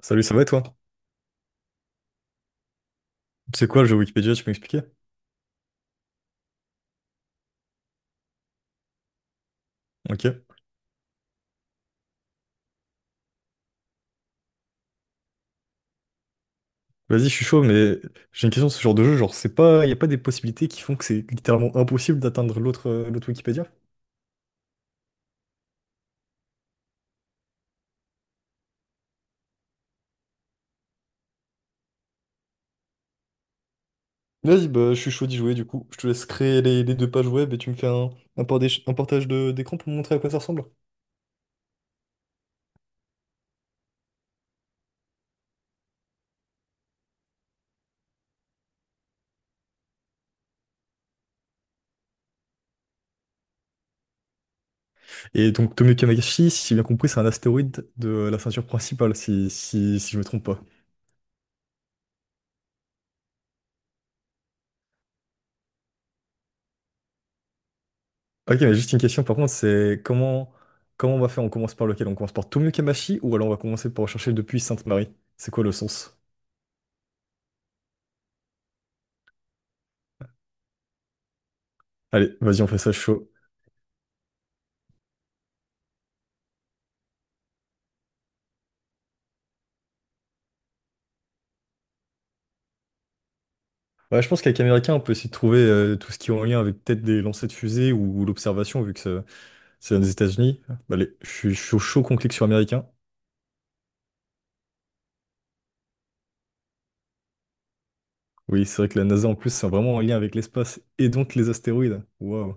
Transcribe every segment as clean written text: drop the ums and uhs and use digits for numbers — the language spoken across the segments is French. Salut, ça va et toi? C'est quoi le jeu Wikipédia, tu peux m'expliquer? Ok. Vas-y, je suis chaud, mais j'ai une question sur ce genre de jeu. Genre, c'est pas, y a pas des possibilités qui font que c'est littéralement impossible d'atteindre l'autre l'autre Wikipédia? Vas-y, bah, je suis chaud d'y jouer du coup. Je te laisse créer les deux pages web et tu me fais un portage- un portage de- d'écran pour me montrer à quoi ça ressemble. Et donc, Tomio Kamakashi, si j'ai bien compris, c'est un astéroïde de la ceinture principale, si je me trompe pas. Ok, mais juste une question par contre, c'est comment on va faire? On commence par lequel? On commence par Tomio Kamashi ou alors on va commencer par chercher depuis Sainte-Marie? C'est quoi le sens? Allez, vas-y, on fait ça chaud. Ouais, je pense qu'avec Américain, on peut essayer de trouver tout ce qui est en lien avec peut-être des lancers de fusées ou l'observation, vu que ça- c'est aux États-Unis. Bah, allez, je suis chaud, chaud qu'on clique sur Américain. Oui, c'est vrai que la NASA, en plus, c'est vraiment en lien avec l'espace et donc les astéroïdes. Waouh.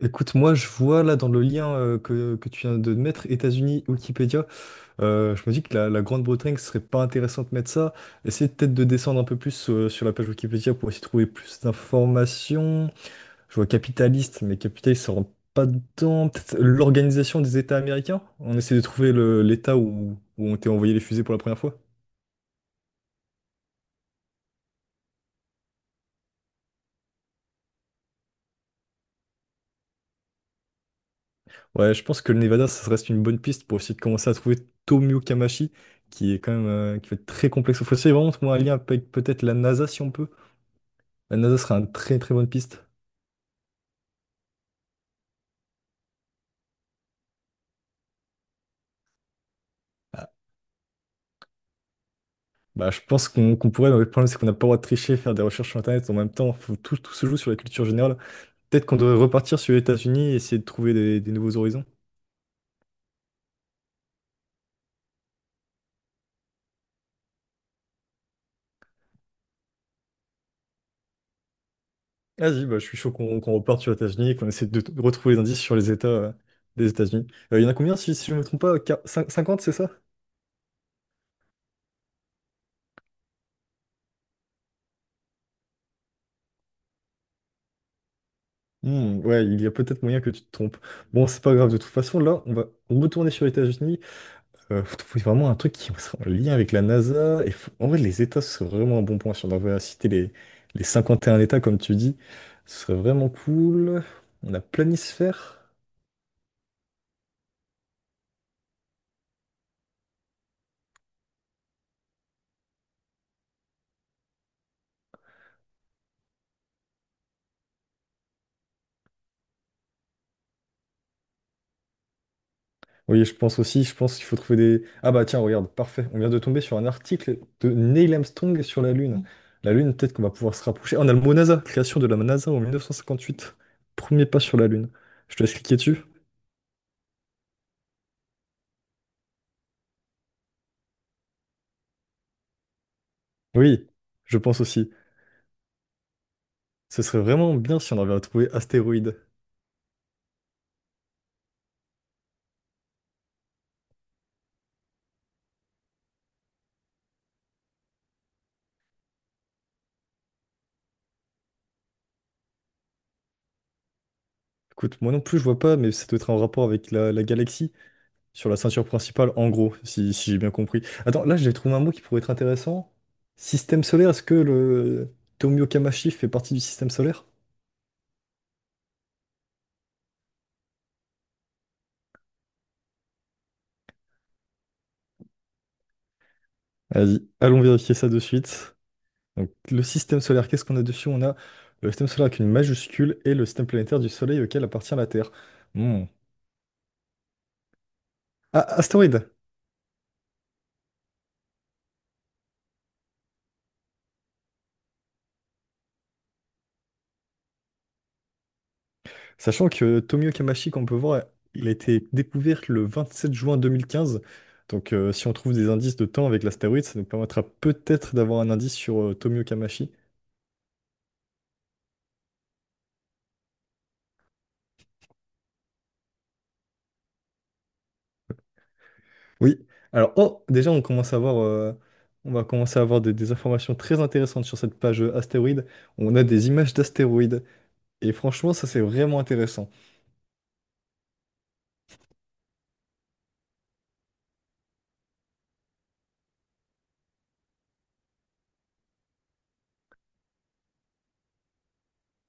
Écoute, moi, je vois là dans le lien que tu viens de mettre, États-Unis, Wikipédia, je me dis que la Grande-Bretagne, ce serait pas intéressant de mettre ça. Essayez peut-être de descendre un peu plus sur la page Wikipédia pour essayer de trouver plus d'informations. Je vois capitaliste, mais capitaliste, ça rentre pas dedans. Peut-être l'organisation des États américains? On essaie de trouver le- l'État où ont été envoyés les fusées pour la première fois. Ouais, je pense que le Nevada, ça reste une bonne piste pour essayer de commencer à trouver Tomio Kamachi, qui est quand même qui va être très complexe. Il faut essayer vraiment de trouver un lien avec peut-être la NASA si on peut. La NASA sera une très très bonne piste. Bah, je pense qu'on pourrait, mais le problème c'est qu'on n'a pas le droit de tricher, faire des recherches sur Internet en même temps. Faut, tout se joue sur la culture générale. Peut-être qu'on devrait repartir sur les États-Unis et essayer de trouver des nouveaux horizons. Vas-y, bah, je suis chaud qu'on reparte sur les États-Unis qu'on essaie de retrouver les indices sur les États des États-Unis. Il y en a combien, si je ne me trompe pas, quar- cin- 50, c'est ça? Hmm, ouais, il y a peut-être moyen que tu te trompes. Bon, c'est pas grave, de toute façon, là, on va retourner sur les États-Unis. Faut trouver vraiment un truc qui soit en lien avec la NASA. Et faut- En vrai, les États, ce serait vraiment un bon point. Si on devait citer les 51 États, comme tu dis, ce serait vraiment cool. On a planisphère. Oui, je pense aussi, je pense qu'il faut trouver des… Ah bah tiens, regarde, parfait. On vient de tomber sur un article de Neil Armstrong sur la Lune. La Lune, peut-être qu'on va pouvoir se rapprocher. Ah, on a le mot NASA, création de la NASA en 1958. Premier pas sur la Lune. Je te laisse cliquer dessus. Oui, je pense aussi. Ce serait vraiment bien si on avait à trouver astéroïde. Écoute, moi non plus, je vois pas, mais ça doit être en rapport avec la galaxie, sur la ceinture principale, en gros, si j'ai bien compris. Attends, là, j'ai trouvé un mot qui pourrait être intéressant. Système solaire, est-ce que le Tomio Kamashi fait partie du système solaire? Vas-y, allons vérifier ça de suite. Donc, le système solaire, qu'est-ce qu'on a dessus? On a le système solaire avec une majuscule et le système planétaire du Soleil auquel appartient la Terre. Hmm. Ah, astéroïde! Sachant que Tomio Kamachi, qu'on peut voir, il a été découvert le 27 juin 2015. Donc, si on trouve des indices de temps avec l'astéroïde, ça nous permettra peut-être d'avoir un indice sur Tomio Kamachi. Oui. Alors, oh, déjà, on commence à avoir, on va commencer à avoir des informations très intéressantes sur cette page astéroïde. On a des images d'astéroïdes. Et franchement, ça c'est vraiment intéressant.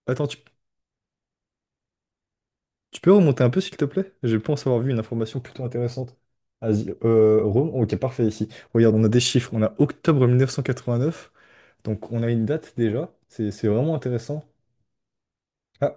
Attends, tu peux remonter un peu s'il te plaît? Je pense avoir vu une information plutôt intéressante. Asie- Rome, ok, parfait ici. Regarde, on a des chiffres. On a octobre 1989, donc on a une date déjà. C'est vraiment intéressant. Ah,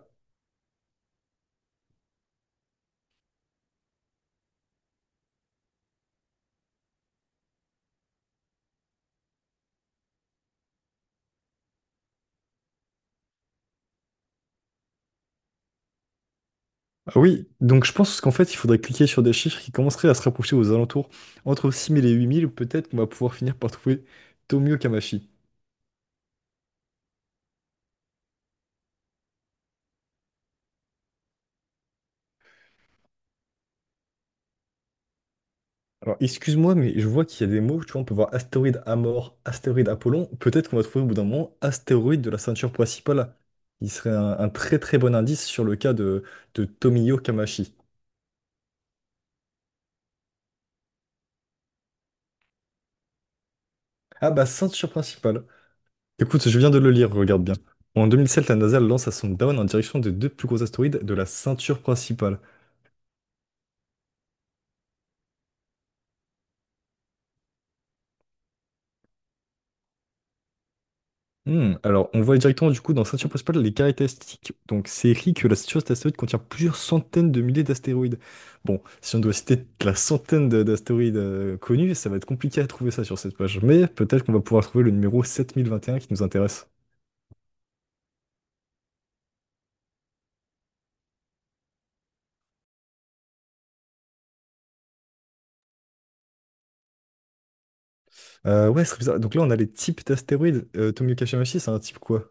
ah oui, donc je pense qu'en fait, il faudrait cliquer sur des chiffres qui commenceraient à se rapprocher aux alentours. Entre 6000 et 8000, peut-être qu'on va pouvoir finir par trouver Tomio Kamashi. Alors, excuse-moi, mais je vois qu'il y a des mots, tu vois, on peut voir astéroïde Amor, astéroïde Apollon. Peut-être qu'on va trouver au bout d'un moment astéroïde de la ceinture principale. Il serait un très très bon indice sur le cas de Tomio Kamashi. Ah bah, ceinture principale. Écoute, je viens de le lire, regarde bien. En 2007, la NASA lance sa sonde Dawn en direction des deux plus gros astéroïdes de la ceinture principale. Hmm, alors, on voit directement du coup dans la ceinture principale les caractéristiques. Donc, c'est écrit que la ceinture d'astéroïdes contient plusieurs centaines de milliers d'astéroïdes. Bon, si on doit citer la centaine de- d'astéroïdes connus, ça va être compliqué à trouver ça sur cette page. Mais peut-être qu'on va pouvoir trouver le numéro 7021 qui nous intéresse. Ouais, ce serait bizarre. Donc là, on a les types d'astéroïdes. Tomio Kashimaki, c'est un type quoi?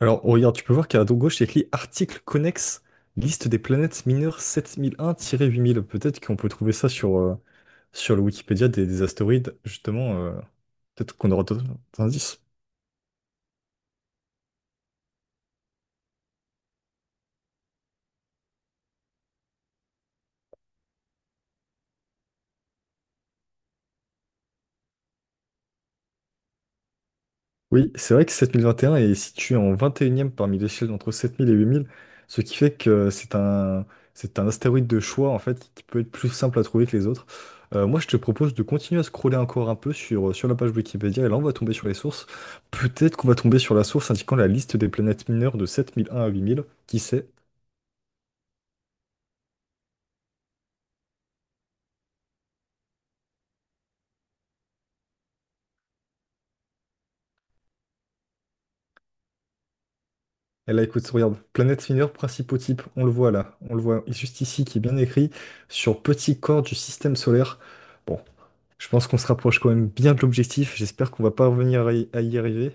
Alors, oh, regarde, tu peux voir qu'à droite gauche, c'est écrit article connexe, liste des planètes mineures 7001-8000. Peut-être qu'on peut trouver ça sur, sur le Wikipédia des astéroïdes, justement, peut-être qu'on aura d'autres indices. Oui, c'est vrai que 7021 est situé en 21e parmi l'échelle entre 7000 et 8000, ce qui fait que c'est c'est un astéroïde de choix, en fait, qui peut être plus simple à trouver que les autres. Moi, je te propose de continuer à scroller encore un peu sur la page Wikipédia, et là, on va tomber sur les sources. Peut-être qu'on va tomber sur la source indiquant la liste des planètes mineures de 7001 à 8000, qui sait? Et là, écoute, regarde, Planète Finir, principaux types, on le voit là, on le voit juste ici qui est bien écrit sur petit corps du système solaire. Bon, je pense qu'on se rapproche quand même bien de l'objectif, j'espère qu'on va pas revenir à y arriver.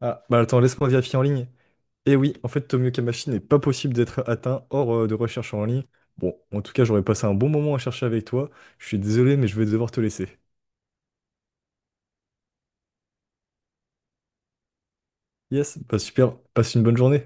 Ah, bah attends, laisse-moi vérifier en ligne. Et oui, en fait, Tomioka Machine n'est pas possible d'être atteint hors de recherche en ligne. Bon, en tout cas, j'aurais passé un bon moment à chercher avec toi. Je suis désolé, mais je vais devoir te laisser. Yes, bah super, passe une bonne journée.